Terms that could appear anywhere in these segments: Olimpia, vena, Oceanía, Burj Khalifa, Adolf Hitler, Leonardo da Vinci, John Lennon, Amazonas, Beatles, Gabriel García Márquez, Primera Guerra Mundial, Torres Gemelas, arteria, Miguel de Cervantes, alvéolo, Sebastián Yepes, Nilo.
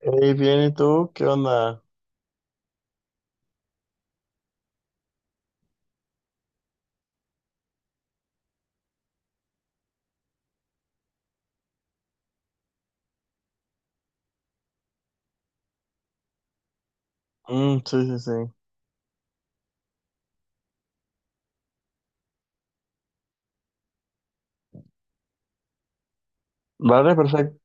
Hey, bien, ¿y tú? ¿Qué onda? Mm, sí, sí, sí. Vale, perfecto.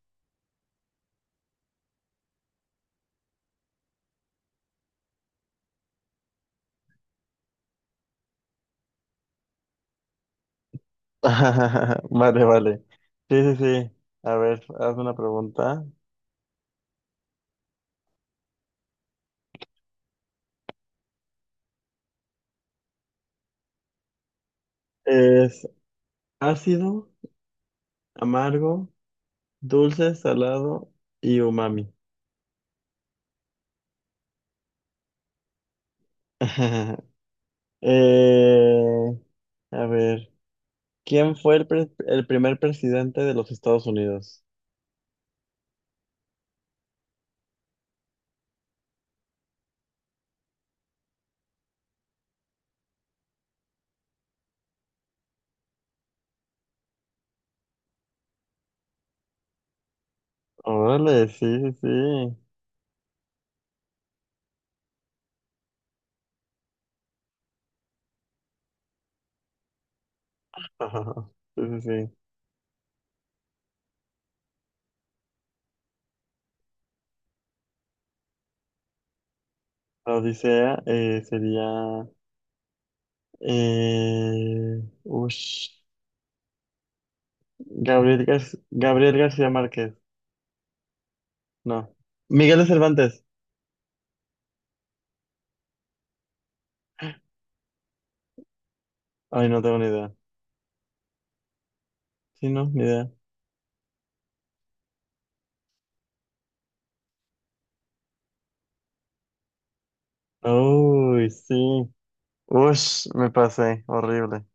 Vale, vale. Sí, sí, sí. A ver, haz una pregunta. Es ácido, amargo, dulce, salado y umami. Eh, a ver, ¿quién fue el primer presidente de los Estados Unidos? Órale, sí, sí, sí. Sí, sí, sí. Odisea sería. Eh, Ush. Gabriel, Gar- Gabriel García Márquez. No. Miguel de Cervantes. Ay, no tengo ni idea. Sí, no, ni idea. Uy, sí. Ush, me pasé. Horrible.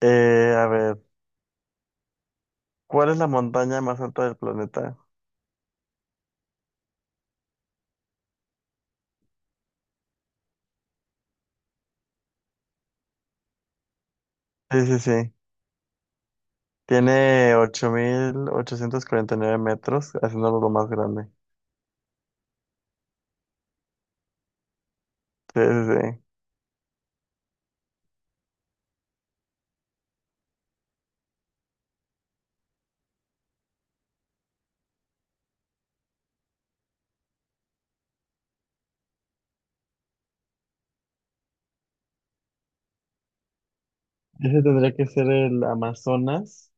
A ver, ¿cuál es la montaña más alta del planeta? Sí, sí, sí. Tiene 8849 metros, haciéndolo lo más grande. Sí, sí, sí. Ese tendría que ser el Amazonas,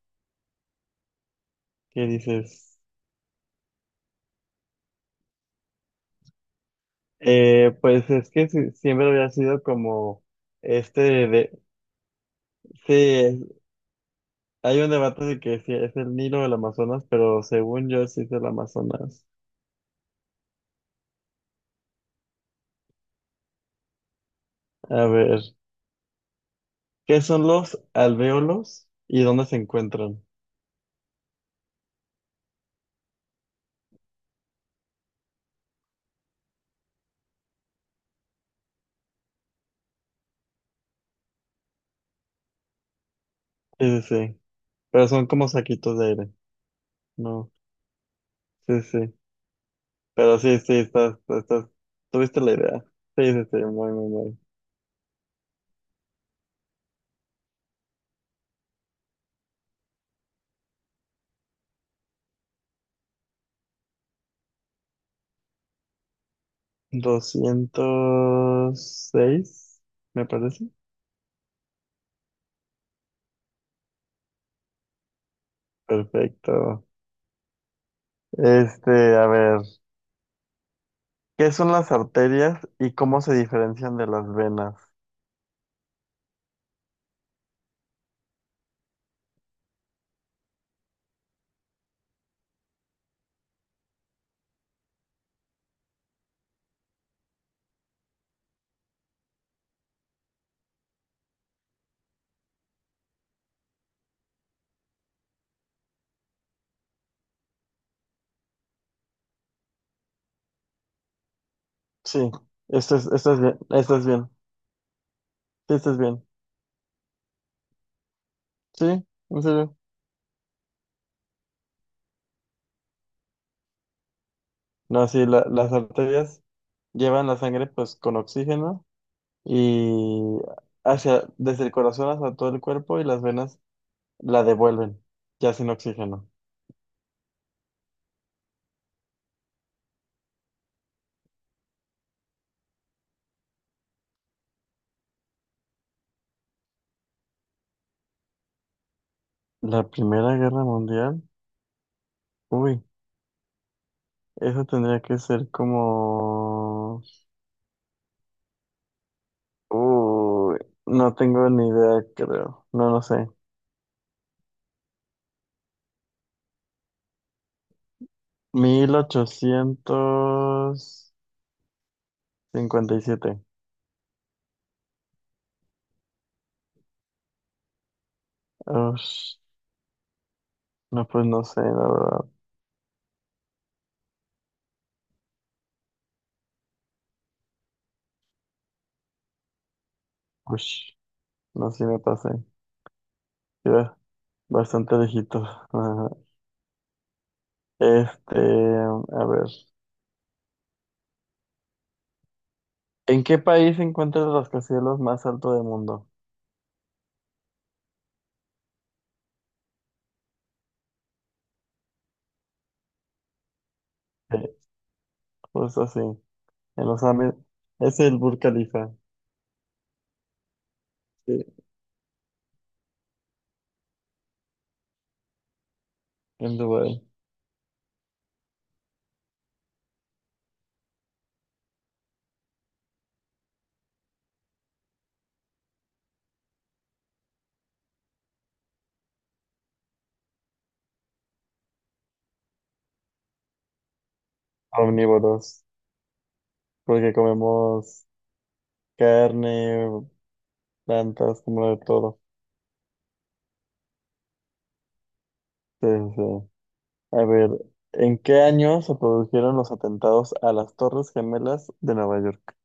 que dices. Pues es que siempre había sido como este de, sí, hay un debate de que si es el Nilo o el Amazonas, pero según yo sí es el Amazonas. A ver, ¿qué son los alvéolos y dónde se encuentran? Sí, sí, sí, pero son como saquitos de aire, ¿no? Sí, sí, pero sí, sí, tuviste la idea. Sí, sí, sí, muy, muy, muy. 206 me parece. Perfecto. Este, a ver. ¿Qué son las arterias y cómo se diferencian de las venas? Sí, esto es bien, sí, esto es bien, sí, en serio. No, sí, las arterias llevan la sangre pues con oxígeno y hacia, desde el corazón hasta todo el cuerpo y las venas la devuelven, ya sin oxígeno. La Primera Guerra Mundial, uy, eso tendría que ser como... Uy, no tengo ni idea, creo, no, no sé. 1857. Ush, no, pues no sé, la verdad. Ush, no sé si me pasé. Iba bastante lejitos. Ajá. Este, a ver. ¿En qué país se encuentra el rascacielos más alto del mundo? Eh, Justo así. En los Árabes. Es el Burj Khalifa. Sí, en Dubái. Omnívoros. Porque comemos carne, plantas, como de todo. Sí, sí, sí. A ver, ¿en qué año se produjeron los atentados a las Torres Gemelas de Nueva York?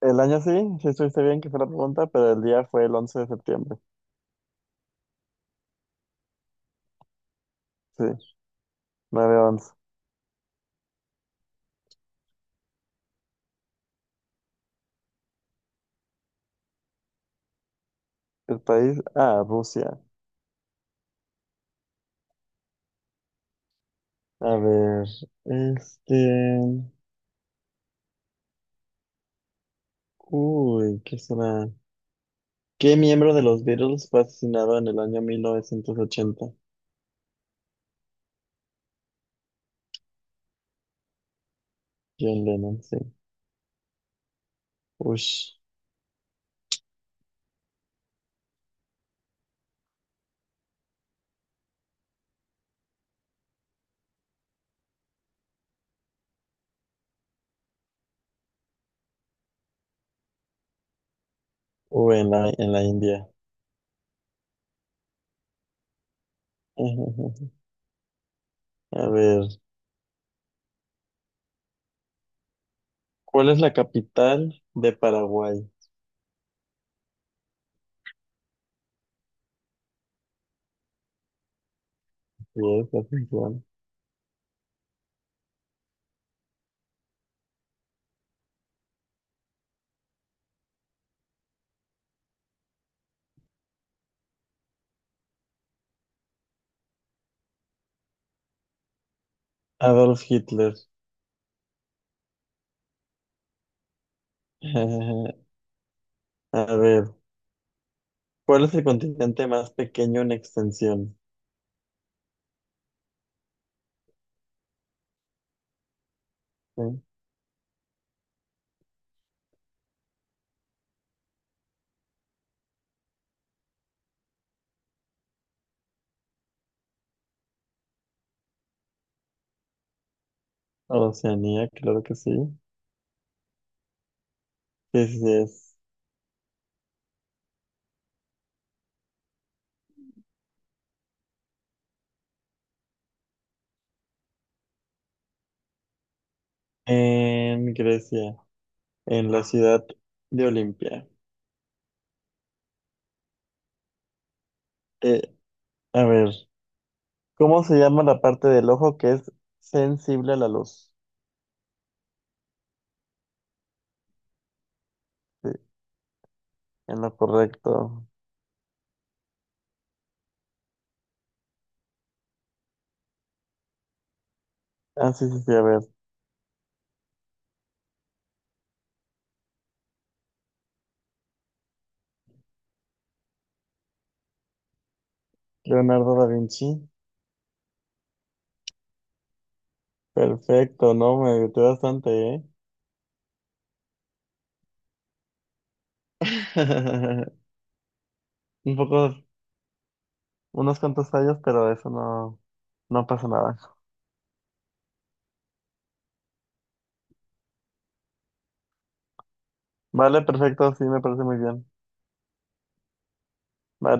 El año sí, sí estuviste bien que fue la pregunta, pero el día fue el 11 de septiembre. Sí, 9/11. El país, ah, Rusia. A ver, este... Uy, ¿qué será? ¿Qué miembro de los Beatles fue asesinado en el año 1980? John Lennon, sí. Ush. Uy, en la India. A ver, ¿cuál es la capital de Paraguay? Sí, es atención. Adolf Hitler. A ver, ¿cuál es el continente más pequeño en extensión? ¿Sí? Oceanía, claro que sí. Sí, sí, sí es. En Grecia, en la ciudad de Olimpia. Eh, a ver, ¿cómo se llama la parte del ojo que es sensible a la luz? Sí, en lo correcto. Ah, sí, sí, sí, a ver. Leonardo da Vinci. Perfecto, no, me ayudó bastante, ¿eh? Un poco unos cuantos años, pero eso no, no pasa nada. Vale, perfecto, sí, me parece muy bien. Vale.